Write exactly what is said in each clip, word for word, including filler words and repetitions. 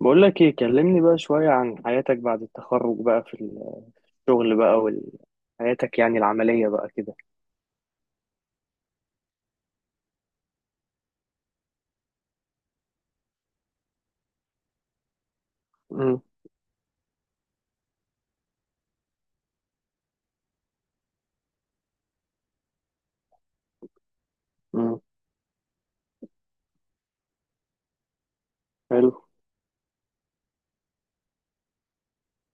بقول لك ايه، كلمني بقى شوية عن حياتك بعد التخرج بقى في الشغل بقى وحياتك يعني العملية بقى كده. مم. مم. حلو.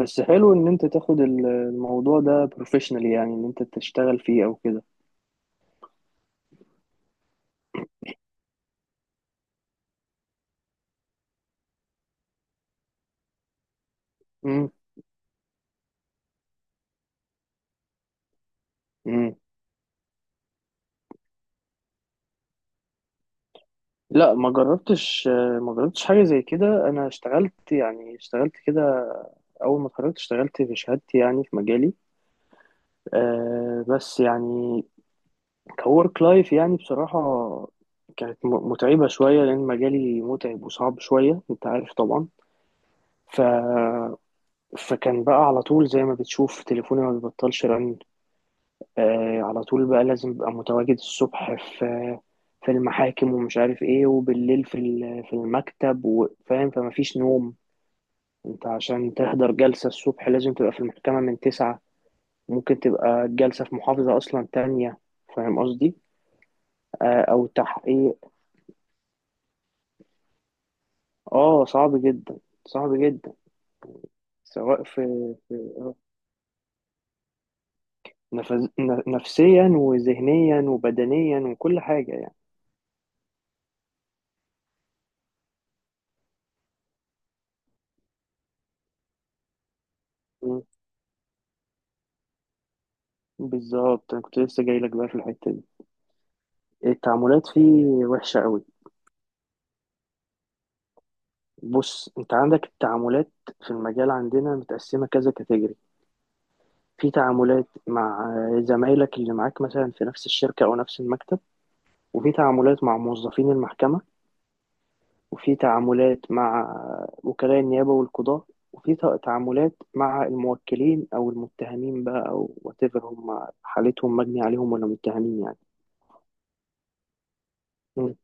بس حلو ان انت تاخد ال- الموضوع ده بروفيشنال، يعني ان انت تشتغل فيه او كده. امم. امم. لا، ما جربتش. ما جربتش حاجة زي كده. انا اشتغلت، يعني اشتغلت كده اول ما اتخرجت، اشتغلت في شهادتي يعني في مجالي. أه، بس يعني كورك لايف يعني بصراحة كانت م- متعبة شوية، لأن مجالي متعب وصعب شوية، أنت عارف طبعا. ف... فكان بقى على طول زي ما بتشوف تليفوني ما بيبطلش رن. آه، على طول بقى لازم أبقى متواجد الصبح في في المحاكم ومش عارف إيه، وبالليل في ال- في المكتب، وفاهم فما فيش نوم. أنت عشان تحضر جلسة الصبح لازم تبقى في المحكمة من تسعة. ممكن تبقى الجلسة في محافظة أصلا تانية. فاهم قصدي؟ آه، أو تحقيق. اه صعب جدا. صعب جدا. سواء في، في آه، نفس... ن- نفسيا وذهنيا وبدنيا وكل حاجة يعني. مم. بالظبط، انا كنت لسه جاي لك بقى في الحتة دي. التعاملات فيه وحشة قوي. بص، انت عندك التعاملات في المجال عندنا متقسمة كذا كاتيجوري. في تعاملات مع زمايلك اللي معاك مثلا في نفس الشركة او نفس المكتب، وفي تعاملات مع موظفين المحكمة، وفي تعاملات مع وكلاء النيابة والقضاء، وفي تع- تعاملات مع الموكلين أو المتهمين بقى، أو whatever هم حالتهم مجني عليهم ولا متهمين يعني. م-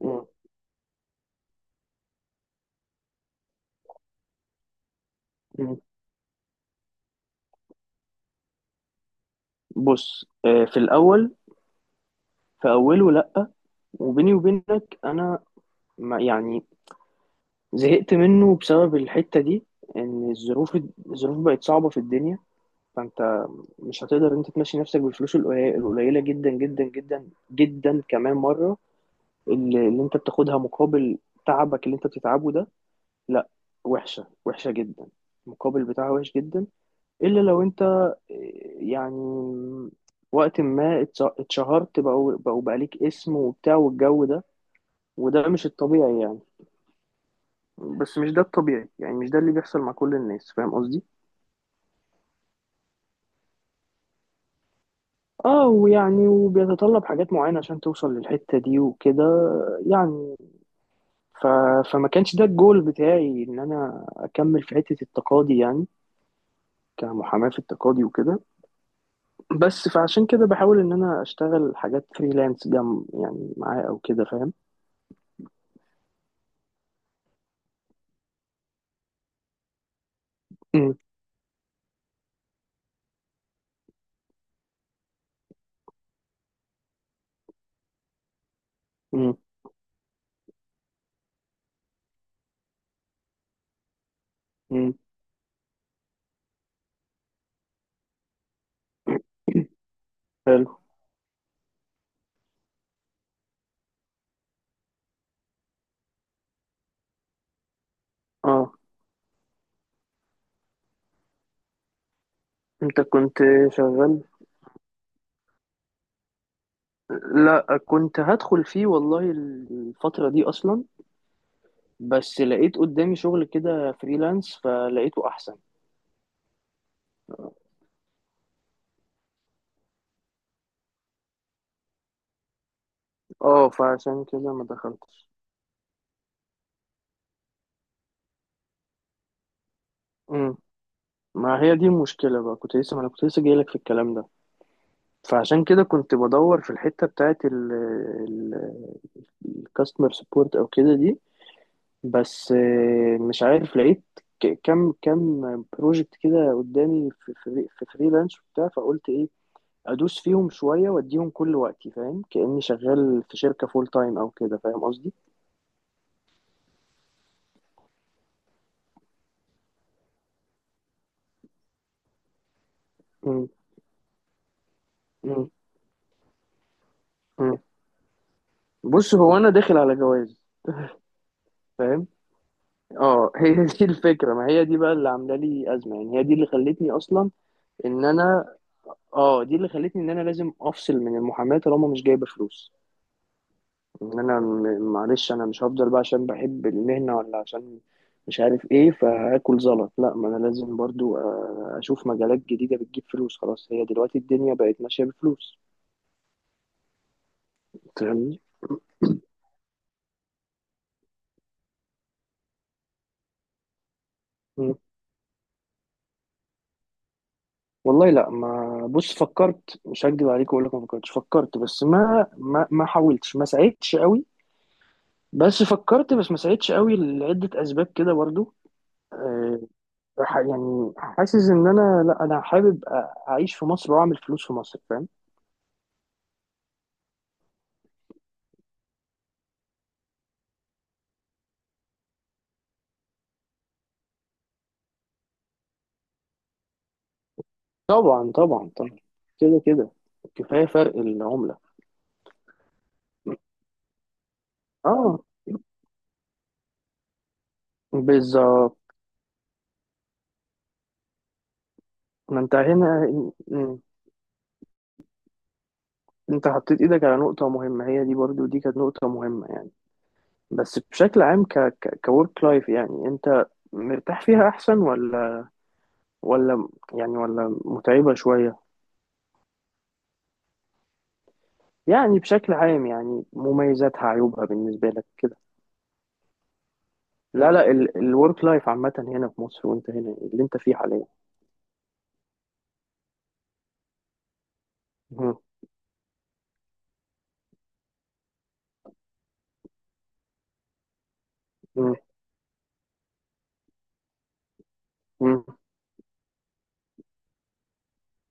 م- م. بص، آه، في الأول، في أوله لأ. وبيني وبينك أنا، ما يعني، زهقت منه بسبب الحتة دي. إن الظروف، الظروف بقت صعبة في الدنيا. فأنت مش هتقدر أنت تمشي نفسك بالفلوس القليلة القليلة جدا جدا جدا جدا، كمان مرة، اللي, اللي انت بتاخدها مقابل تعبك اللي انت بتتعبه ده. لا، وحشة، وحشة جدا. المقابل بتاعها وحش جدا. الا لو انت آه، يعني وقت ما اتش- اتشهرت، بقوا بقوا بقى ليك اسم وبتاع والجو ده. وده مش الطبيعي يعني. بس مش ده الطبيعي يعني، مش ده اللي بيحصل مع كل الناس، فاهم قصدي. اه، ويعني وبيتطلب حاجات معينة عشان توصل للحتة دي وكده يعني. ف... فما كانش ده الجول بتاعي ان انا اكمل في حتة التقاضي، يعني كمحاماة في التقاضي وكده. بس فعشان كده بحاول ان انا اشتغل حاجات فريلانس جنب يعني معاه او كده فاهم. مم. مم. مم. حلو. اه، انت كنت شغال. لا، كنت هدخل فيه والله الفترة دي اصلا. بس لقيت قدامي شغل كده فريلانس فلقيته احسن. اه، فعشان كده ما دخلتش. مم. ما هي دي المشكلة بقى، كنت لسه، ما انا كنت لسه جايلك في الكلام ده. فعشان كده كنت بدور في الحتة بتاعت الكاستمر سبورت او كده دي. بس آه، مش عارف، لقيت ك- كم كم بروجكت كده قدامي في في في فريلانس وبتاع، فقلت ايه، ادوس فيهم شويه واديهم كل وقتي، فاهم، كاني شغال في شركه فول تايم او كده، فاهم قصدي. مم. مم. مم. بص، هو انا داخل على جواز، فاهم. اه هي دي الفكره، ما هي دي بقى اللي عامله لي ازمه يعني، هي دي اللي خلتني اصلا ان انا، اه دي اللي خلتني ان انا لازم افصل من المحاماه طالما مش جايبه فلوس. ان انا م- معلش، انا مش هفضل بقى عشان بحب المهنة، ولا عشان مش عارف ايه، فهاكل زلط. لا، ما انا لازم برضو آه، اشوف مجالات جديدة بتجيب فلوس، خلاص، هي دلوقتي الدنيا بقت ماشية بفلوس. فاهمني. مم. والله لا، ما بص فكرت، مش هكدب عليك واقول لك ما فكرتش، فكرت، بس ما ما ما حاولتش، ما سعيتش قوي. بس فكرت، بس ما سعيتش قوي لعدة اسباب كده برضو. آه، ح- يعني حاسس ان انا، لا انا حابب أ- اعيش في مصر واعمل فلوس في مصر فاهم. طبعا طبعا طبعا. كده كده. كفاية فرق العملة. اه. بالظبط. ما انت هنا، م- انت حطيت ايدك على نقطة مهمة، هي دي برضو دي كانت نقطة مهمة يعني. بس بشكل عام، ك ك كورك لايف يعني، انت مرتاح فيها احسن، ولا ولا يعني، ولا متعبة شوية؟ يعني بشكل عام يعني مميزاتها عيوبها بالنسبة لك كده. لا لا، الورك لايف عامة هنا في مصر، وانت هنا اللي انت فيه حاليا. م- م-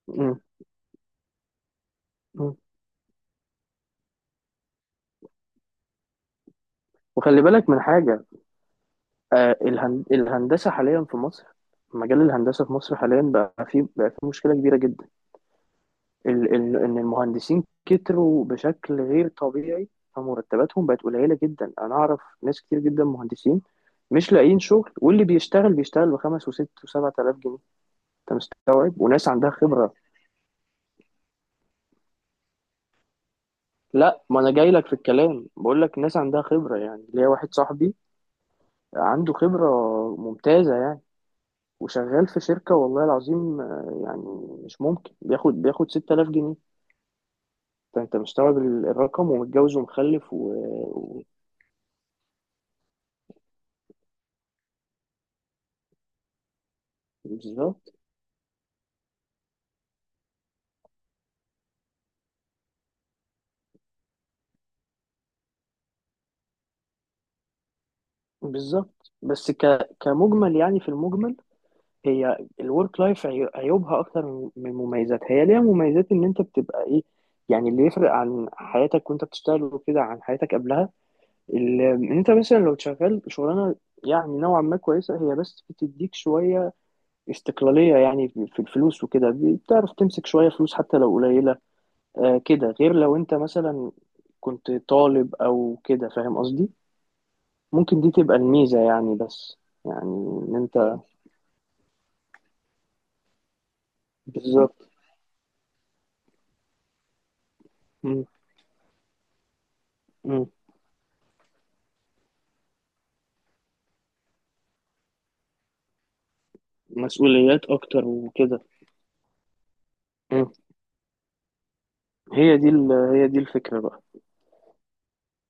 م- م. وخلي بالك من حاجة. آه، الهن- الهندسة حاليا في مصر، مجال الهندسة في مصر حاليا بقى فيه بقى فيه مشكلة كبيرة جدا. ال ال إن المهندسين كتروا بشكل غير طبيعي، فمرتباتهم بقت قليلة جدا. أنا أعرف ناس كتير جدا مهندسين مش لاقيين شغل، واللي بيشتغل بيشتغل بخمس وست وسبعة آلاف جنيه. أنت مستوعب؟ وناس عندها خبرة. لا، ما أنا جاي لك في الكلام، بقول لك ناس عندها خبرة، يعني ليا واحد صاحبي عنده خبرة ممتازة يعني، وشغال في شركة والله العظيم آه، يعني مش ممكن بياخد بياخد ستة آلاف جنيه. انت انت مستوعب ال- الرقم، ومتجوز ومخلف و... و... بالظبط. بالظبط. بس ك... كمجمل يعني، في المجمل هي الورك لايف عيوبها اكتر من من مميزاتها. هي ليها مميزات ان انت بتبقى ايه، يعني اللي يفرق عن حياتك وانت بتشتغل وكده عن حياتك قبلها. ال- ان انت مثلا لو شغال شغلانه يعني نوعا ما كويسه هي، بس بتديك شويه استقلالية يعني في الفلوس وكده، بتعرف تمسك شوية فلوس حتى لو قليلة. آه كده غير لو انت مثلا كنت طالب او كده، فاهم قصدي. ممكن دي تبقى الميزة يعني. بس يعني ان انت، بالظبط. م- م. مسؤوليات اكتر وكده. م. هي دي ال- هي دي الفكرة بقى.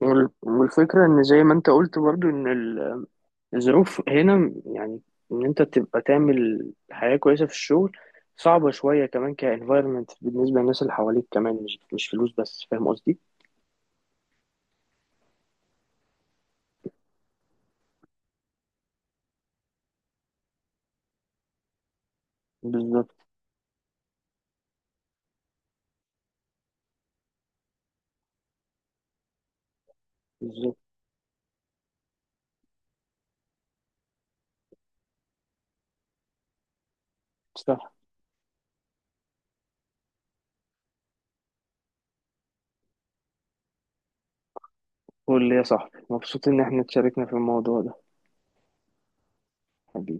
وال- والفكرة ان زي ما انت قلت برضو ان ال الظروف هنا يعني، ان انت تبقى تعمل حياة كويسة في الشغل صعبة شوية، كمان كانفايرمنت بالنسبة للناس اللي حواليك كمان، مش مش فلوس بس، فاهم قصدي؟ بالظبط. بالظبط. صح. قول لي يا صاحبي، مبسوط ان احنا اتشاركنا في الموضوع ده. حبيبي.